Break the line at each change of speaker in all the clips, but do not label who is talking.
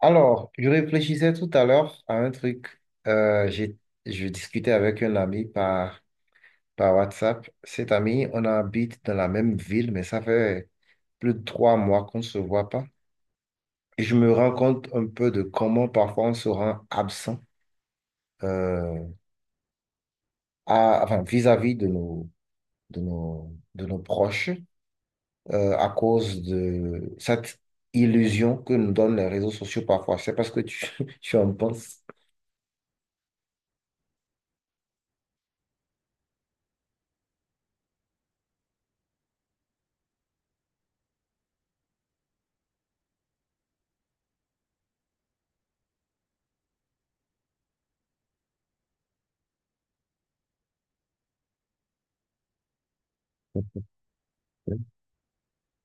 Alors, je réfléchissais tout à l'heure à un truc. Euh, j'ai, je discutais avec un ami par WhatsApp. Cet ami, on habite dans la même ville, mais ça fait plus de trois mois qu'on ne se voit pas. Et je me rends compte un peu de comment parfois on se rend absent euh, à, enfin, vis-à-vis de de nos proches à cause de cette illusion que nous donnent les réseaux sociaux parfois. C'est parce que tu en penses.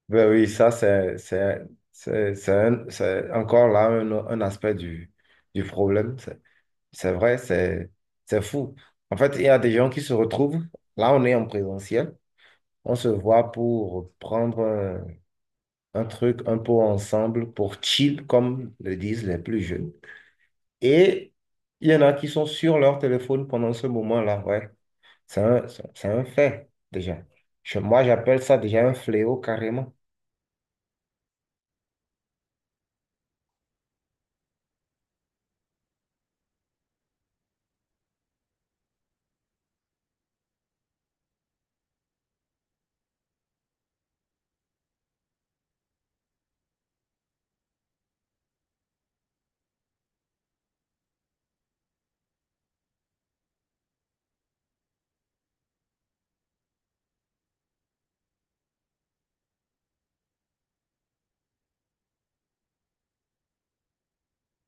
Ben oui, ça, c'est, c'est encore là un aspect du problème. C'est vrai, c'est fou. En fait, il y a des gens qui se retrouvent, là, on est en présentiel, on se voit pour prendre un truc un peu ensemble, pour chill, comme le disent les plus jeunes. Et il y en a qui sont sur leur téléphone pendant ce moment-là, ouais. C'est un fait, déjà. Moi, j'appelle ça déjà un fléau carrément.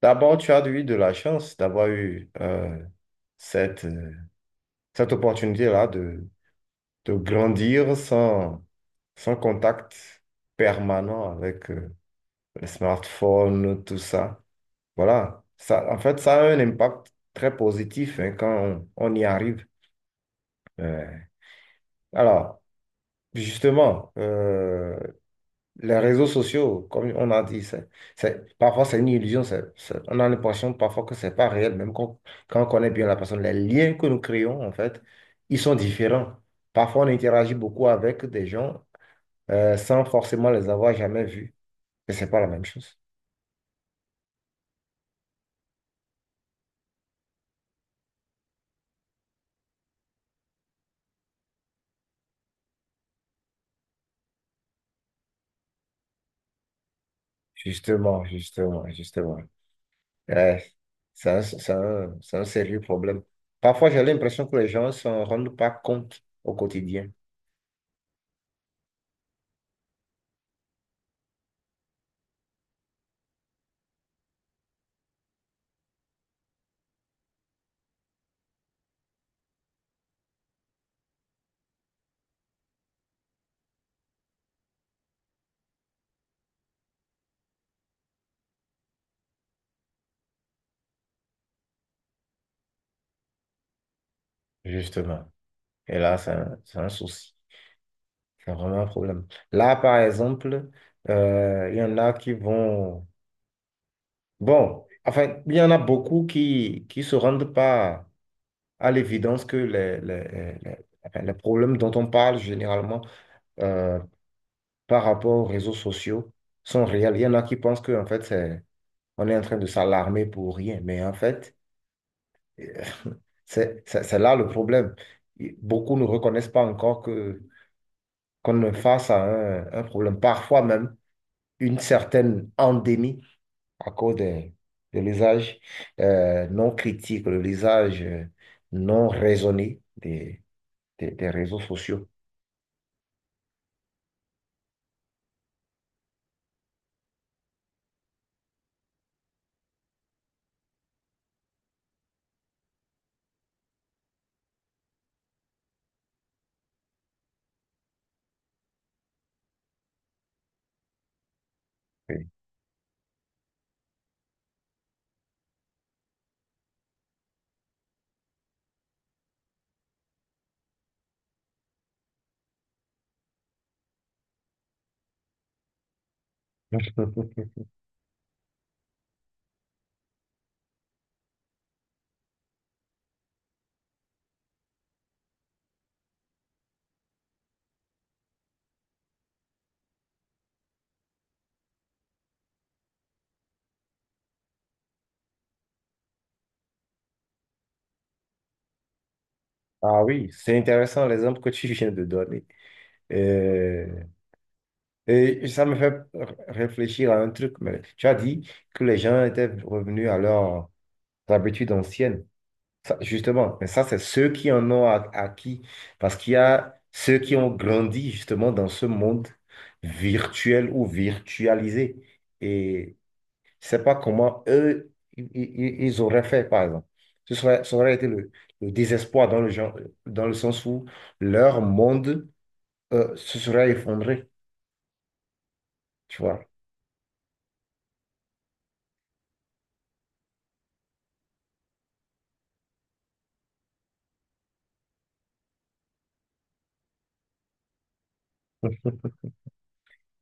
D'abord, tu as eu de la chance d'avoir eu cette, euh, cette opportunité-là de grandir sans contact permanent avec les smartphones, tout ça. Voilà. Ça, en fait, ça a un impact très positif hein, quand on y arrive. Euh, alors, justement, les réseaux sociaux, comme on a dit, parfois c'est une illusion, on a l'impression parfois que c'est pas réel, même quand on connaît bien la personne. Les liens que nous créons, en fait, ils sont différents. Parfois, on interagit beaucoup avec des gens sans forcément les avoir jamais vus. Et c'est pas la même chose. Justement, justement, justement. Ouais, c'est un sérieux problème. Parfois, j'ai l'impression que les gens ne s'en rendent pas compte au quotidien. Justement. Et là, c'est un souci. C'est vraiment un problème. Là, par exemple, il y en a qui vont... Bon, enfin, il y en a beaucoup qui se rendent pas à l'évidence que enfin, les problèmes dont on parle généralement euh, par rapport aux réseaux sociaux sont réels. Il y en a qui pensent que, en fait, c'est, on est en train de s'alarmer pour rien. Mais en fait, euh, c'est là le problème. Beaucoup ne reconnaissent pas encore que qu'on est face à un problème, parfois même une certaine endémie, à cause des de l'usage non critique, de l'usage non raisonné des réseaux sociaux. Oui. Ah oui, c'est intéressant l'exemple que tu viens de donner. Euh, et ça me fait réfléchir à un truc. Mais tu as dit que les gens étaient revenus à leurs habitudes anciennes. Ça, justement, mais ça, c'est ceux qui en ont acquis, parce qu'il y a ceux qui ont grandi justement dans ce monde virtuel ou virtualisé. Et je sais pas comment eux, ils auraient fait, par exemple. Ça aurait été le désespoir dans le genre, dans le sens où leur monde se serait effondré, tu vois.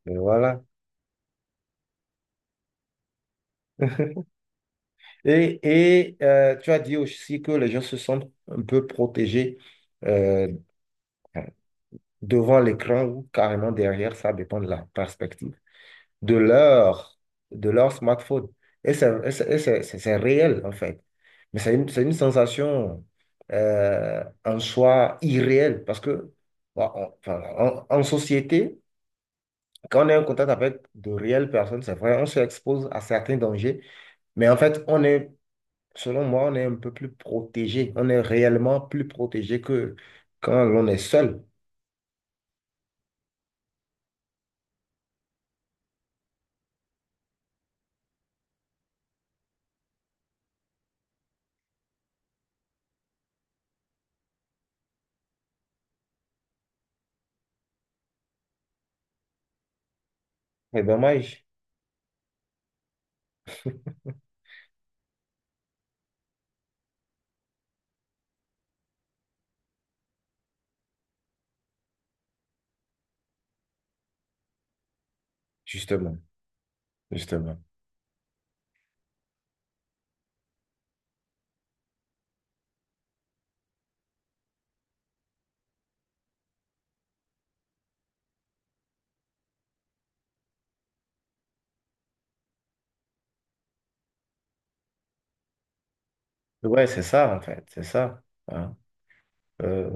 Mais voilà. Tu as dit aussi que les gens se sentent un peu protégés, euh, devant l'écran ou carrément derrière, ça dépend de la perspective, de leur, de leur smartphone. C'est réel, en fait. Mais c'est une sensation en soi irréelle parce que, enfin, en société, quand on est en contact avec de réelles personnes, c'est vrai, on s'expose à certains dangers, mais en fait, selon moi, on est un peu plus protégé. On est réellement plus protégé que quand l'on est seul. C'est dommage, justement. Justement. Ouais, c'est ça, en fait, c'est ça, hein. Euh,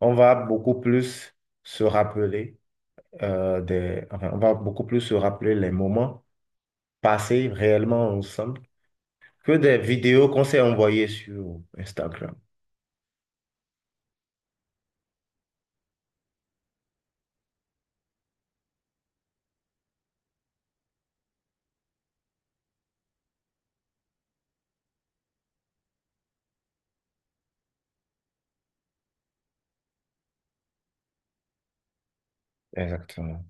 on va beaucoup plus se rappeler enfin, on va beaucoup plus se rappeler les moments passés réellement ensemble que des vidéos qu'on s'est envoyées sur Instagram. Exactement.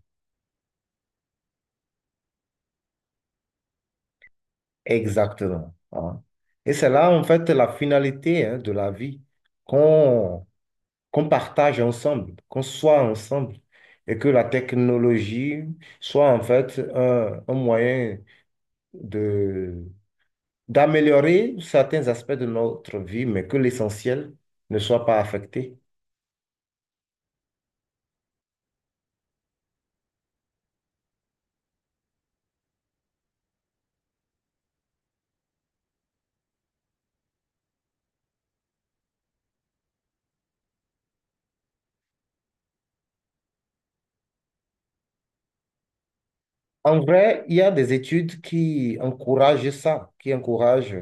Exactement, hein. Et c'est là, en fait, la finalité, hein, de la vie, qu'on qu'on partage ensemble, qu'on soit ensemble, et que la technologie soit, en fait, un moyen de, d'améliorer certains aspects de notre vie, mais que l'essentiel ne soit pas affecté. En vrai, il y a des études qui encouragent ça, qui encouragent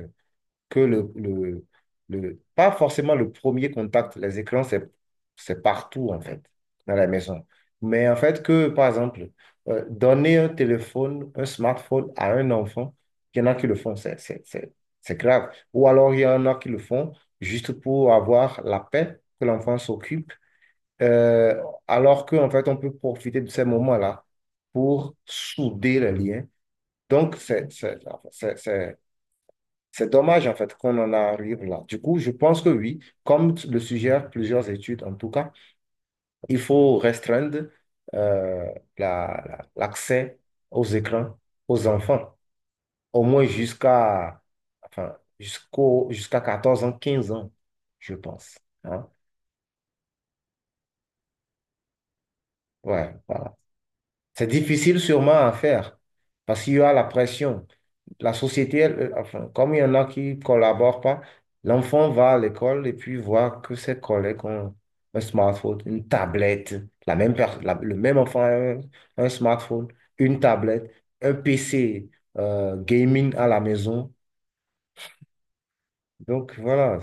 que pas forcément le premier contact, les écrans, c'est partout, en fait, dans la maison. Mais en fait, que, par exemple, donner un téléphone, un smartphone à un enfant, il y en a qui le font, c'est grave. Ou alors, il y en a qui le font juste pour avoir la paix que l'enfant s'occupe, euh, alors qu'en fait, on peut profiter de ces moments-là pour souder les liens. Donc, c'est, c'est- c'est dommage en fait qu'on en arrive là. Du coup, je pense que oui, comme le suggèrent plusieurs études en tout cas, il faut restreindre euh, l'accès aux écrans aux enfants, au moins jusqu'à enfin, jusqu'à 14 ans, 15 ans, je pense, hein. Ouais, voilà. C'est difficile sûrement à faire parce qu'il y a la pression. La société, elle, enfin, comme il y en a qui ne collaborent pas, l'enfant va à l'école et puis voit que ses collègues ont un smartphone, une tablette. La même per- la- Le même enfant a un smartphone, une tablette, un PC gaming à la maison. Donc voilà.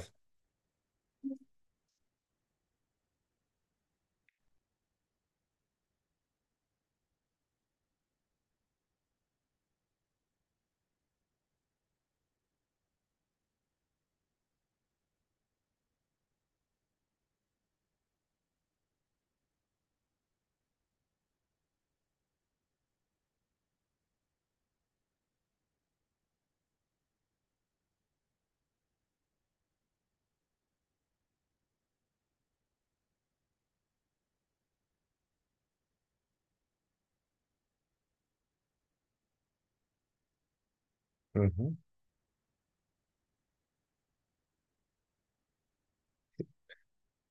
Mhm.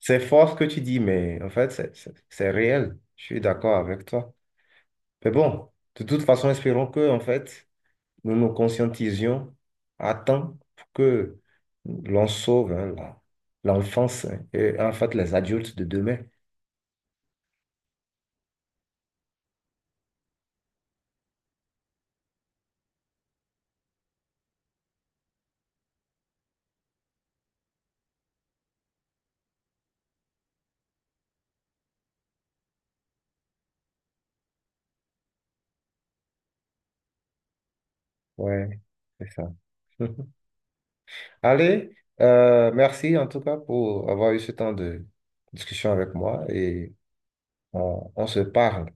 C'est fort ce que tu dis, mais en fait, c'est réel. Je suis d'accord avec toi. Mais bon, de toute façon, espérons que, en fait, nous nous conscientisions à temps pour que l'on sauve hein, l'enfance hein, et en fait les adultes de demain. Ouais, c'est ça. Allez, merci en tout cas pour avoir eu ce temps de discussion avec moi et on se parle.